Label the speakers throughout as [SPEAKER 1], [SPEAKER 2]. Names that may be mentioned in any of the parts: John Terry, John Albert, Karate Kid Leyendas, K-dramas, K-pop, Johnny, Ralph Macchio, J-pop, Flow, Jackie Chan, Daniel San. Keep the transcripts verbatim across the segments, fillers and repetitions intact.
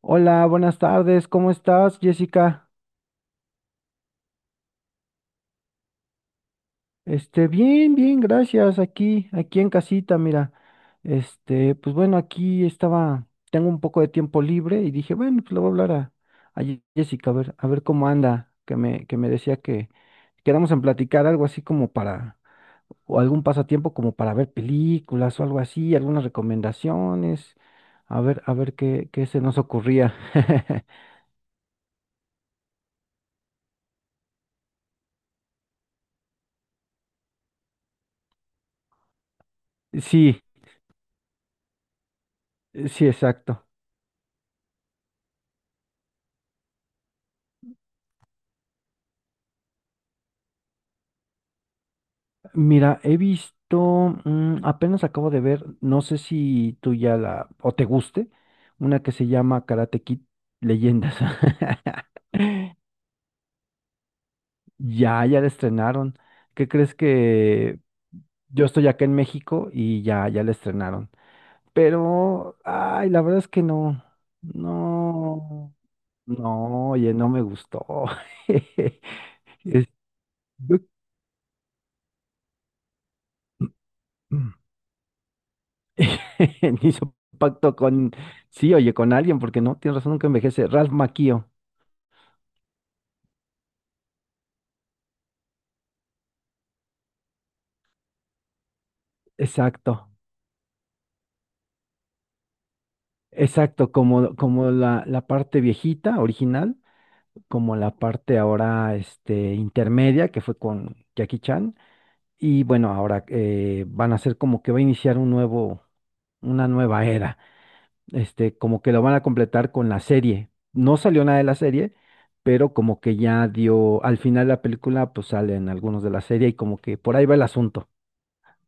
[SPEAKER 1] Hola, buenas tardes, ¿cómo estás, Jessica? Este, bien, bien, gracias, aquí, aquí en casita, mira. Este, pues bueno, aquí estaba, tengo un poco de tiempo libre y dije, bueno, pues le voy a hablar a, a Ye- Jessica, a ver, a ver cómo anda, que me, que me decía que quedamos en platicar algo así como para, o algún pasatiempo como para ver películas o algo así, algunas recomendaciones, a ver, a ver qué, qué se nos ocurría. Sí, sí, exacto. Mira, he visto, mm, apenas acabo de ver, no sé si tú ya la, o te guste, una que se llama Karate Kid Leyendas. Ya, ya la estrenaron. ¿Qué crees que yo estoy acá en México y ya, ya la estrenaron? Pero, ay, la verdad es que no, no, no, oye, no me gustó. Es- yo- Hizo pacto con, sí, oye, con alguien, porque no, tienes razón, nunca envejece. Ralph Macchio, exacto, exacto, como, como la, la parte viejita, original, como la parte ahora, este, intermedia, que fue con Jackie Chan. Y bueno, ahora eh, van a ser como que va a iniciar un nuevo, una nueva era. Este, como que lo van a completar con la serie. No salió nada de la serie, pero como que ya dio, al final de la película, pues salen algunos de la serie y como que por ahí va el asunto.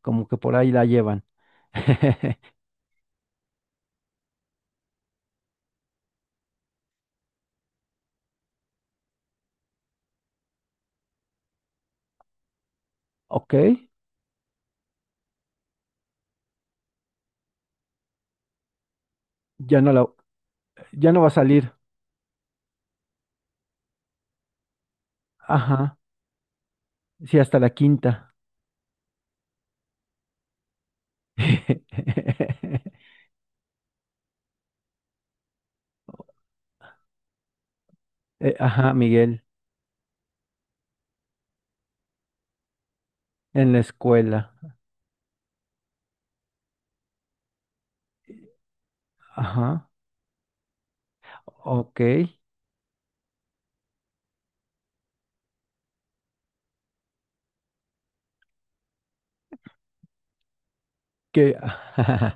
[SPEAKER 1] como que por ahí la llevan. Ok, ya no la, ya no va a salir. Ajá, sí, hasta la quinta. Eh, Ajá, Miguel, en la escuela. Ajá, ok. Que...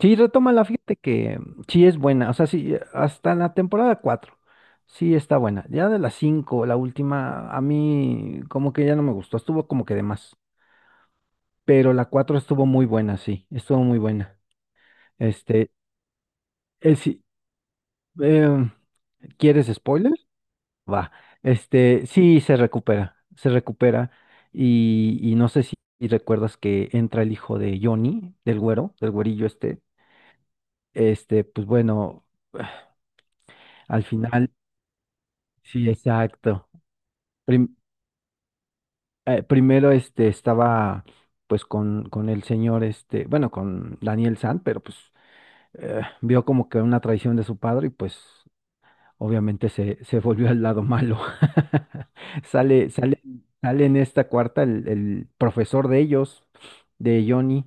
[SPEAKER 1] Sí, retómala, fíjate que mm, sí es buena, o sea, sí, hasta la temporada cuatro, sí está buena. Ya de la cinco la última, a mí como que ya no me gustó, estuvo como que de más, pero la cuatro estuvo muy buena, sí, estuvo muy buena. Este, Eh, sí, em, ¿quieres spoiler? Va. Este, sí, se recupera, se recupera. Y, y no sé si recuerdas que entra el hijo de Johnny, del güero, del güerillo este. Este, pues bueno, al final, sí, exacto. Prim- eh, primero este estaba pues con, con el señor, este, bueno, con Daniel San, pero pues eh, vio como que una traición de su padre y pues obviamente se, se volvió al lado malo. Sale, sale, sale en esta cuarta el, el profesor de ellos, de Johnny.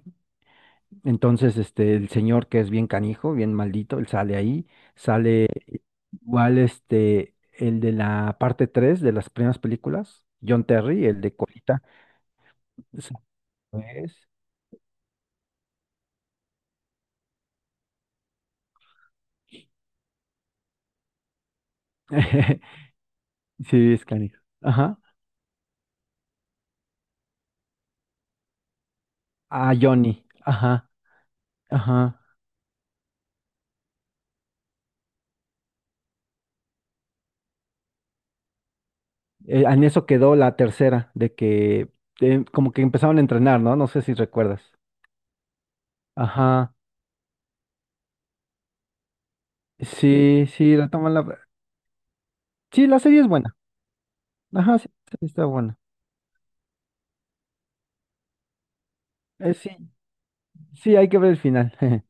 [SPEAKER 1] Entonces, este, el señor que es bien canijo, bien maldito, él sale ahí. Sale igual este, el de la parte tres de las primeras películas, John Terry, el de Colita. Ese es. Sí, es canijo. Ajá. A Johnny. Ajá. Ajá. Eh, en eso quedó la tercera, de que eh, como que empezaban a entrenar, ¿no? No sé si recuerdas. Ajá. Sí, sí, retoman la... Sí, la serie es buena. Ajá, sí, la serie está buena. Eh, sí, sí, hay que ver el final.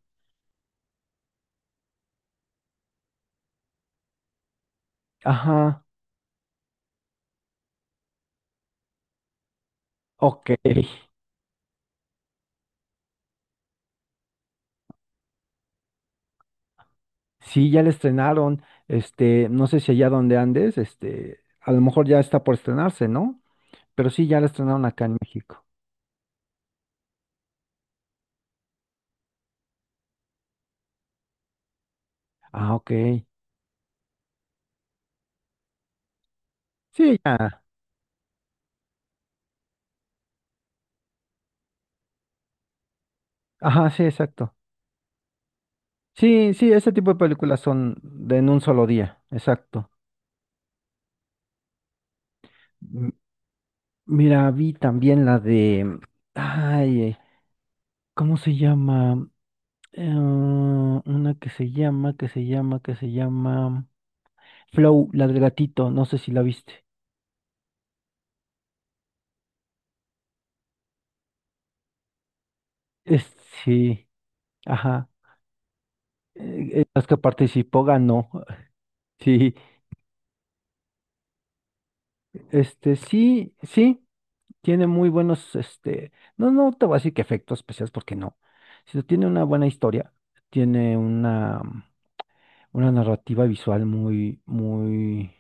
[SPEAKER 1] Ajá. Ok. Sí, ya la estrenaron. Este, no sé si allá donde andes, este, a lo mejor ya está por estrenarse, ¿no? Pero sí, ya la estrenaron acá en México. Ah, ok. Sí, ya. Ajá, sí, exacto. Sí, sí, ese tipo de películas son de en un solo día, exacto. M- Mira, vi también la de, ay, ¿cómo se llama? Eh, una que se llama, que se llama, que se llama Flow, la del gatito, no sé si la viste. Es, sí, ajá. eh, eh, Las que participó ganó. Sí, este, sí, sí. Tiene muy buenos, este, no, no te voy a decir que efectos especiales porque no, sino tiene una buena historia, tiene una, una narrativa visual muy, muy,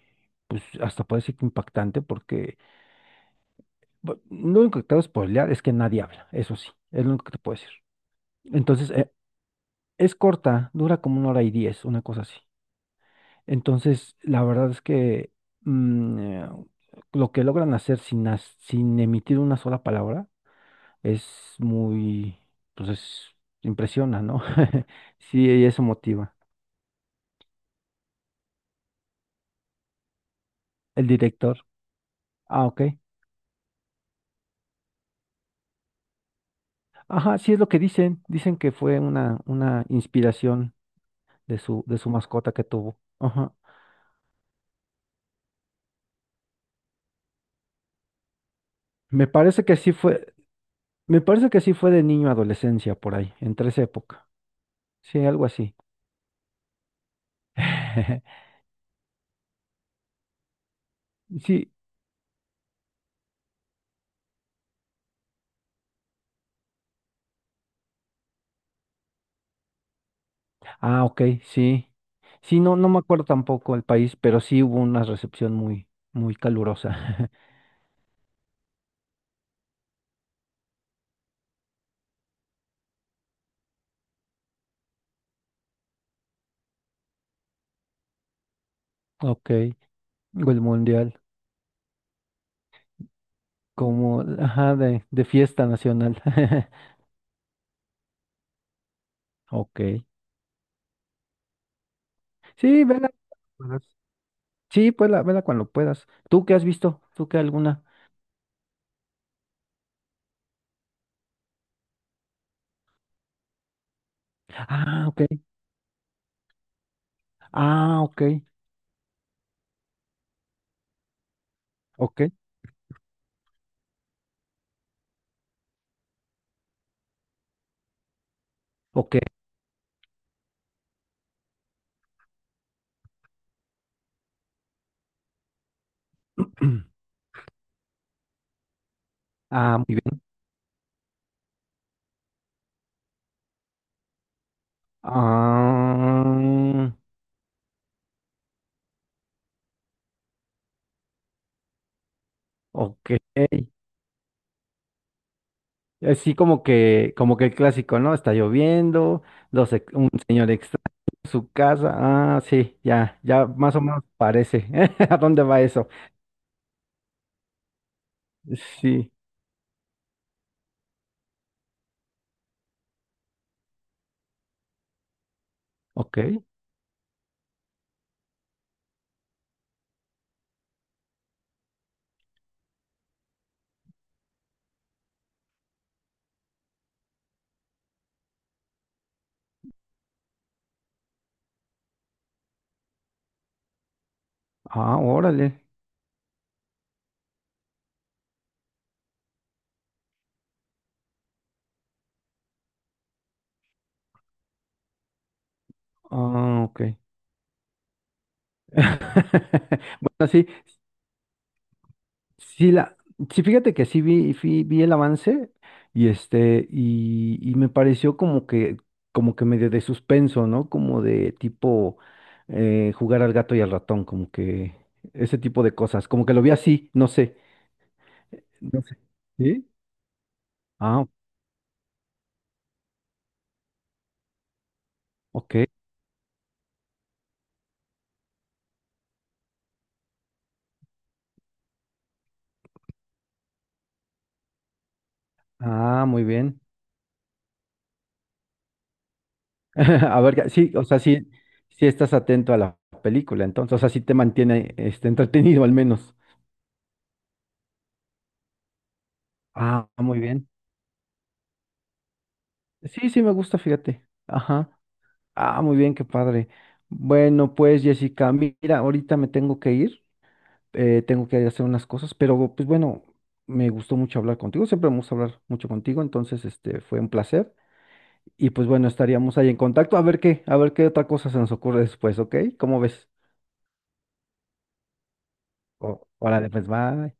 [SPEAKER 1] pues hasta puede ser que impactante porque bu- lo único que te voy a spoilear es que nadie habla, eso sí, es lo único que te puedo decir. Entonces, eh, es corta, dura como una hora y diez, una cosa así. Entonces, la verdad es que mm, eh, lo que logran hacer sin, as- sin emitir una sola palabra es muy, pues es, impresiona, ¿no? Sí, y eso motiva. El director. Ah, ok. Ajá, sí es lo que dicen. Dicen que fue una, una inspiración de su, de su mascota que tuvo. Ajá. Me parece que sí fue, Me parece que sí fue de niño a adolescencia por ahí, entre esa época. Sí, algo así. Sí. Ah, ok, sí. Sí, no, no me acuerdo tampoco el país, pero sí hubo una recepción muy, muy calurosa. Ok, el mundial. Como, ajá, de, de fiesta nacional. Ok. Sí, vela. Sí, vela, vela cuando puedas. ¿Tú qué has visto? ¿Tú qué alguna? Ah, ok. Ah, ok. Ok. Ok. Ah, muy bien. Ah, ok. Así como que, como que el clásico, ¿no? Está lloviendo, dos, ex- un señor extraño en su casa. Ah, sí, ya, ya más o menos parece. ¿A dónde va eso? Sí. Ok. Ah, órale. Ah, ok. Bueno, sí, sí la, sí, fíjate que sí vi, vi, vi el avance y este, y, y me pareció como que, como que medio de suspenso, ¿no? Como de tipo eh, jugar al gato y al ratón, como que ese tipo de cosas, como que lo vi así, no sé. No sé. ¿Sí? Ah, ok. Ah, muy bien. A ver, sí, o sea, sí, sí estás atento a la película, entonces, o sea, sí te mantiene este entretenido al menos. Ah, muy bien. Sí, sí, me gusta, fíjate. Ajá. Ah, muy bien, qué padre. Bueno, pues Jessica, mira, ahorita me tengo que ir, eh, tengo que hacer unas cosas, pero pues bueno, me gustó mucho hablar contigo, siempre me gusta hablar mucho contigo, entonces este fue un placer y pues bueno, estaríamos ahí en contacto a ver qué, a ver qué otra cosa se nos ocurre después, ¿ok? ¿Cómo ves? O- Órale, pues bye.